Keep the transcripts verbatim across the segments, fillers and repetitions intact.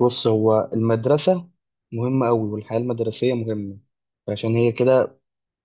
بص هو المدرسة مهمة أوي، والحياة المدرسية مهمة عشان هي كده.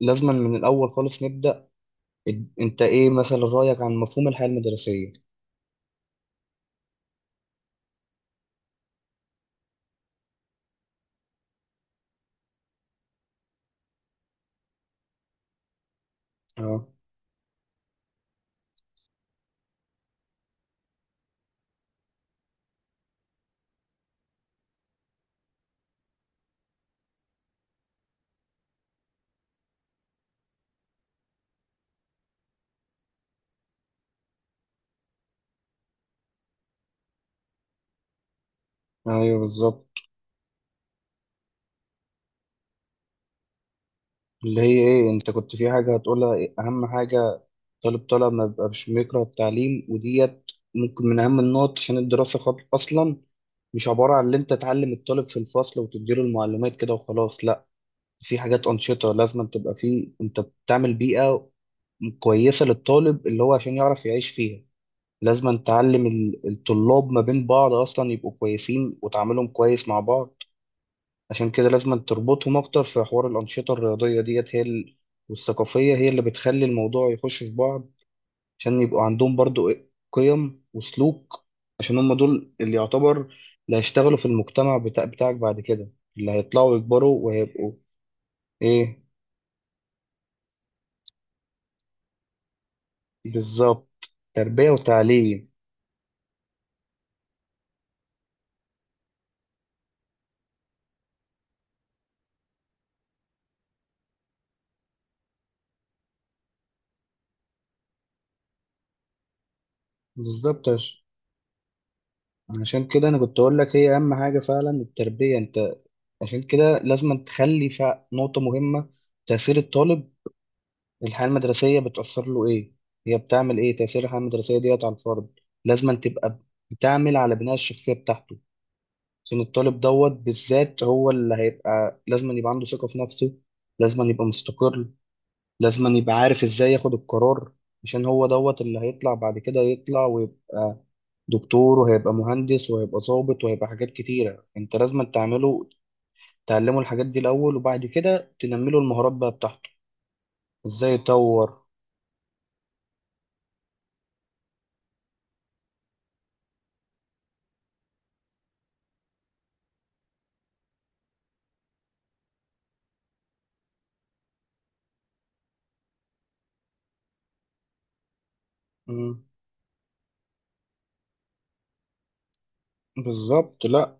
لازم من الأول خالص نبدأ. إد- أنت إيه مثلا رأيك عن مفهوم الحياة المدرسية؟ أه. أيوه بالظبط. اللي هي إيه أنت كنت في حاجة هتقولها إيه؟ أهم حاجة طالب طالع ما بيبقاش بيكره التعليم، وديت ممكن من أهم النقط، عشان الدراسة خط- أصلا مش عبارة عن إن أنت تعلم الطالب في الفصل وتديله المعلومات كده وخلاص، لأ. في حاجات أنشطة لازم تبقى فيه، أنت بتعمل بيئة كويسة للطالب اللي هو عشان يعرف يعيش فيها. لازم تعلم ال- الطلاب ما بين بعض أصلا يبقوا كويسين، وتعاملهم كويس مع بعض. عشان كده لازم تربطهم أكتر في حوار الأنشطة الرياضية ديت، هي ال- والثقافية، هي اللي بتخلي الموضوع يخش في بعض، عشان يبقوا عندهم برضو إيه- قيم وسلوك. عشان هم دول اللي يعتبر اللي هيشتغلوا في المجتمع بتاع بتاعك بعد كده، اللي هيطلعوا يكبروا وهيبقوا إيه. بالظبط، تربية وتعليم. بالظبط، عشان كده انا كنت اقول لك هي اهم حاجه فعلا، التربيه. انت عشان كده لازم تخلي فع- نقطه مهمه، تاثير الطالب. الحياه المدرسيه بتاثر له ايه؟ هي بتعمل ايه؟ تاثير الحياه المدرسيه ديت على الفرد لازم تبقى بتعمل على بناء الشخصيه بتاعته. عشان الطالب دوت بالذات هو اللي هيبقى لازم يبقى عنده ثقه في نفسه، لازم يبقى مستقر، لازم يبقى عارف ازاي ياخد القرار. عشان هو دوت اللي هيطلع بعد كده، يطلع ويبقى دكتور، وهيبقى مهندس، وهيبقى ضابط، وهيبقى حاجات كتيرة. انت لازم تعمله، تعلمه الحاجات دي الأول، وبعد كده تنمله المهارات بقى بتاعته، ازاي يطور. مم. بالظبط. لا،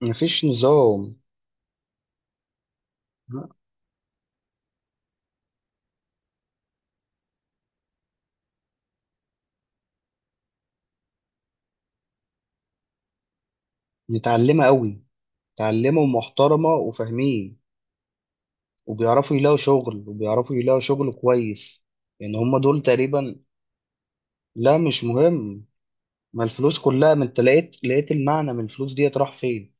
مفيش نظام. لا. نتعلمه قوي، تعلمه محترمة وفاهمين، وبيعرفوا يلاقوا شغل، وبيعرفوا يلاقوا شغل كويس. يعني هم دول تقريبا. لا مش مهم، ما الفلوس كلها، ما انت لقيت لقيت المعنى، من الفلوس ديت راح فين؟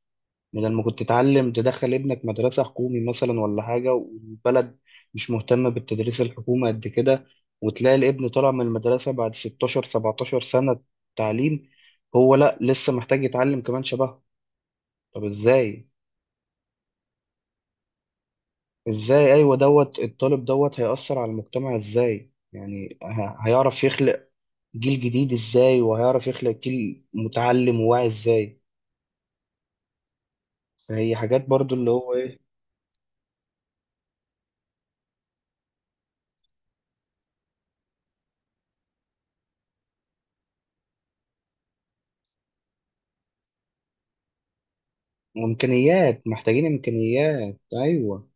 بدل ما كنت تتعلم تدخل ابنك مدرسة حكومي مثلا ولا حاجة، والبلد مش مهتمة بالتدريس الحكومي قد كده، وتلاقي الابن طالع من المدرسة بعد ستة عشر سبعة عشر سنة تعليم، هو لا لسه محتاج يتعلم كمان شبهه. طب ازاي؟ ازاي؟ ايوه، دوت الطالب دوت هيأثر على المجتمع ازاي؟ يعني ه- هيعرف يخلق جيل جديد ازاي؟ وهيعرف يخلق جيل متعلم وواعي ازاي؟ فهي حاجات برضو اللي هو ايه. وامكانيات، محتاجين امكانيات، ايوه.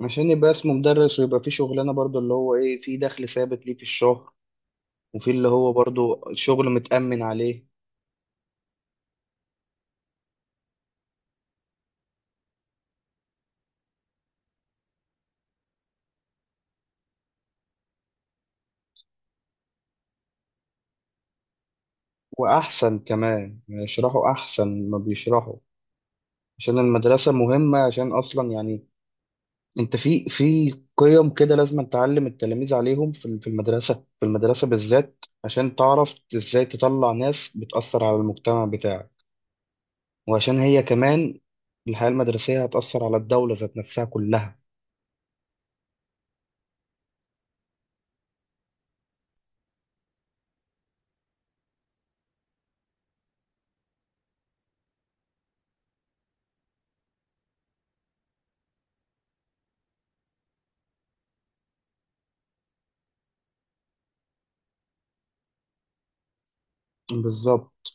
عشان يبقى اسمه مدرس، ويبقى فيه شغلانة برضو اللي هو ايه، فيه دخل ثابت ليه في الشهر، وفيه اللي هو برضو الشغل متأمن عليه. وأحسن كمان يعني، يشرحوا أحسن ما بيشرحوا. عشان المدرسة مهمة، عشان أصلا يعني أنت في في قيم كده لازم تعلم التلاميذ عليهم في ال- في المدرسة، في المدرسة بالذات، عشان تعرف إزاي تطلع ناس بتأثر على المجتمع بتاعك. وعشان هي كمان الحياة المدرسية هتأثر على الدولة ذات نفسها كلها. بالظبط،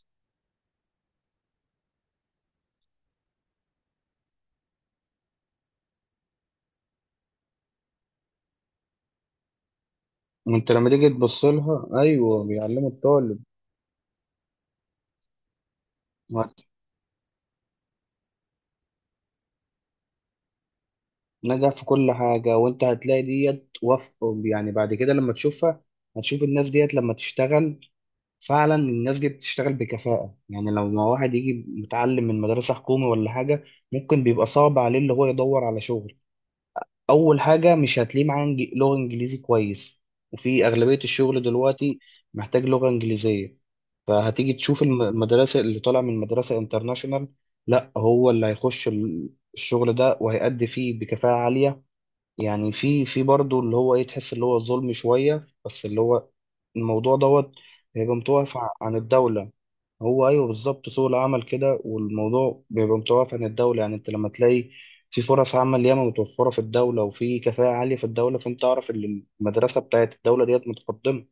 ما انت لما تيجي تبص لها، ايوه بيعلموا الطالب وهت- نجح في كل حاجه، وانت هتلاقي ديت وف... يعني بعد كده لما تشوفها، هتشوف الناس ديت لما تشتغل، فعلا الناس دي بتشتغل بكفاءه. يعني لو ما واحد يجي متعلم من مدرسه حكومي ولا حاجه، ممكن بيبقى صعب عليه اللي هو يدور على شغل. اول حاجه مش هتلاقيه معاه إنج- لغه انجليزي كويس، وفي اغلبيه الشغل دلوقتي محتاج لغه انجليزيه. فهتيجي تشوف الم- المدرسه اللي طالع من مدرسه انترناشونال، لا هو اللي هيخش ال- الشغل ده وهيأدي فيه بكفاءه عاليه. يعني في في برضه اللي هو ايه، تحس اللي هو ظلم شويه، بس اللي هو الموضوع دوت هيبقى متوقف ع- عن الدوله. هو ايوه بالظبط، سوق العمل كده، والموضوع بيبقى متوقف عن الدوله، يعني انت لما تلاقي في فرص عمل ياما متوفره في الدوله، وفي كفاءه عاليه في الدوله، فانت اعرف ان المدرسه بتاعت الدوله ديت متقدمه،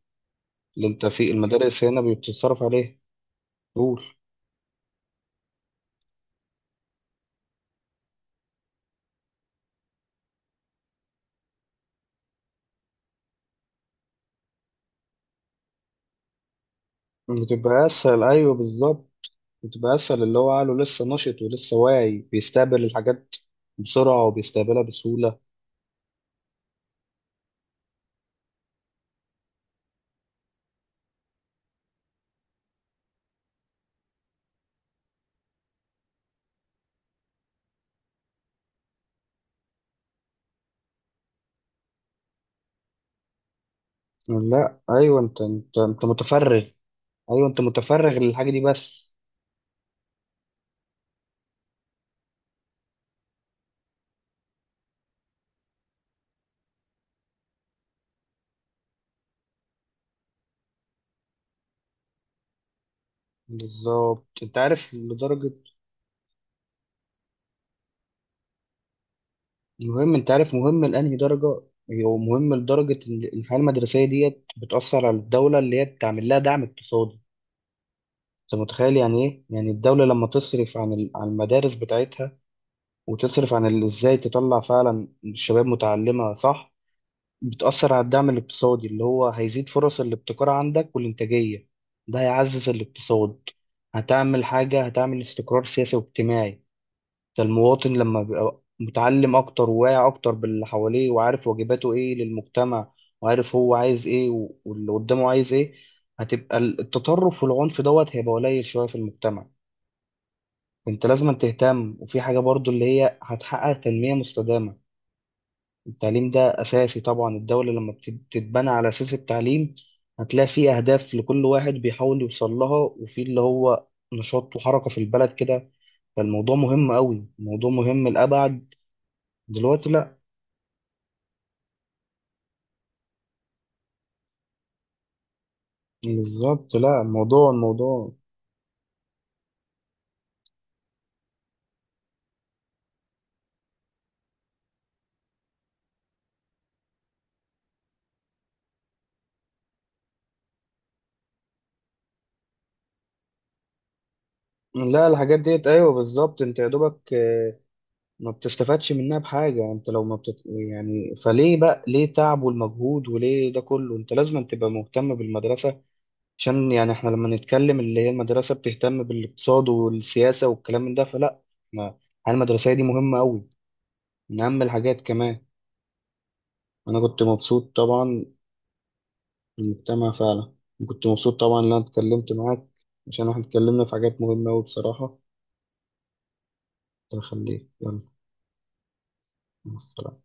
اللي انت في المدارس هنا بتتصرف عليها. قول. بتبقى اسهل، ايوه بالظبط، بتبقى اسهل، اللي هو عقله لسه نشط ولسه واعي، بيستقبل الحاجات بسرعه وبيستقبلها بسهوله. لا ايوه، انت انت انت متفرغ. ايوه انت متفرغ للحاجه دي بس. بالظبط، انت عارف لدرجه. المهم انت عارف مهم لانهي درجه؟ هو مهم لدرجه ان الحياه المدرسيه ديت بتاثر على الدوله، اللي هي بتعمل لها دعم اقتصادي. انت متخيل يعني ايه؟ يعني الدوله لما تصرف عن ال- عن المدارس بتاعتها، وتصرف عن ال- ازاي تطلع فعلا الشباب متعلمه صح، بتاثر على الدعم الاقتصادي، اللي هو هيزيد فرص الابتكار عندك والانتاجيه، ده هيعزز الاقتصاد. هتعمل حاجه، هتعمل استقرار سياسي واجتماعي. ده المواطن لما بيبقى متعلم أكتر وواعي أكتر باللي حواليه، وعارف واجباته إيه للمجتمع، وعارف هو عايز إيه و- واللي قدامه عايز إيه، هتبقى ال- التطرف والعنف دوت هيبقى قليل شوية في المجتمع. أنت لازم تهتم، وفي حاجة برضو اللي هي هتحقق تنمية مستدامة، التعليم ده أساسي طبعا. الدولة لما بتت- بتتبنى على أساس التعليم، هتلاقي في أهداف لكل واحد بيحاول يوصل لها، وفي اللي هو نشاط وحركة في البلد كده. فالموضوع مهم قوي، الموضوع مهم لأبعد. دلوقتي لا، بالظبط، لا الموضوع، الموضوع لا، الحاجات ديت، ايوه بالظبط، انت يا دوبك آه، ما بتستفادش منها بحاجه، انت لو ما بتت... يعني فليه بقى؟ ليه تعب والمجهود وليه ده كله؟ انت لازم تبقى مهتم بالمدرسه، عشان يعني احنا لما نتكلم اللي هي المدرسه بتهتم بالاقتصاد والسياسه والكلام من ده، فلا ما الحياة المدرسيه دي مهمه قوي، من اهم الحاجات كمان. انا كنت مبسوط طبعا بالمجتمع فعلا، كنت مبسوط طبعا ان انا اتكلمت معاك، عشان احنا اتكلمنا في حاجات مهمه قوي بصراحه. الله يخليك، يلا، مع السلامة.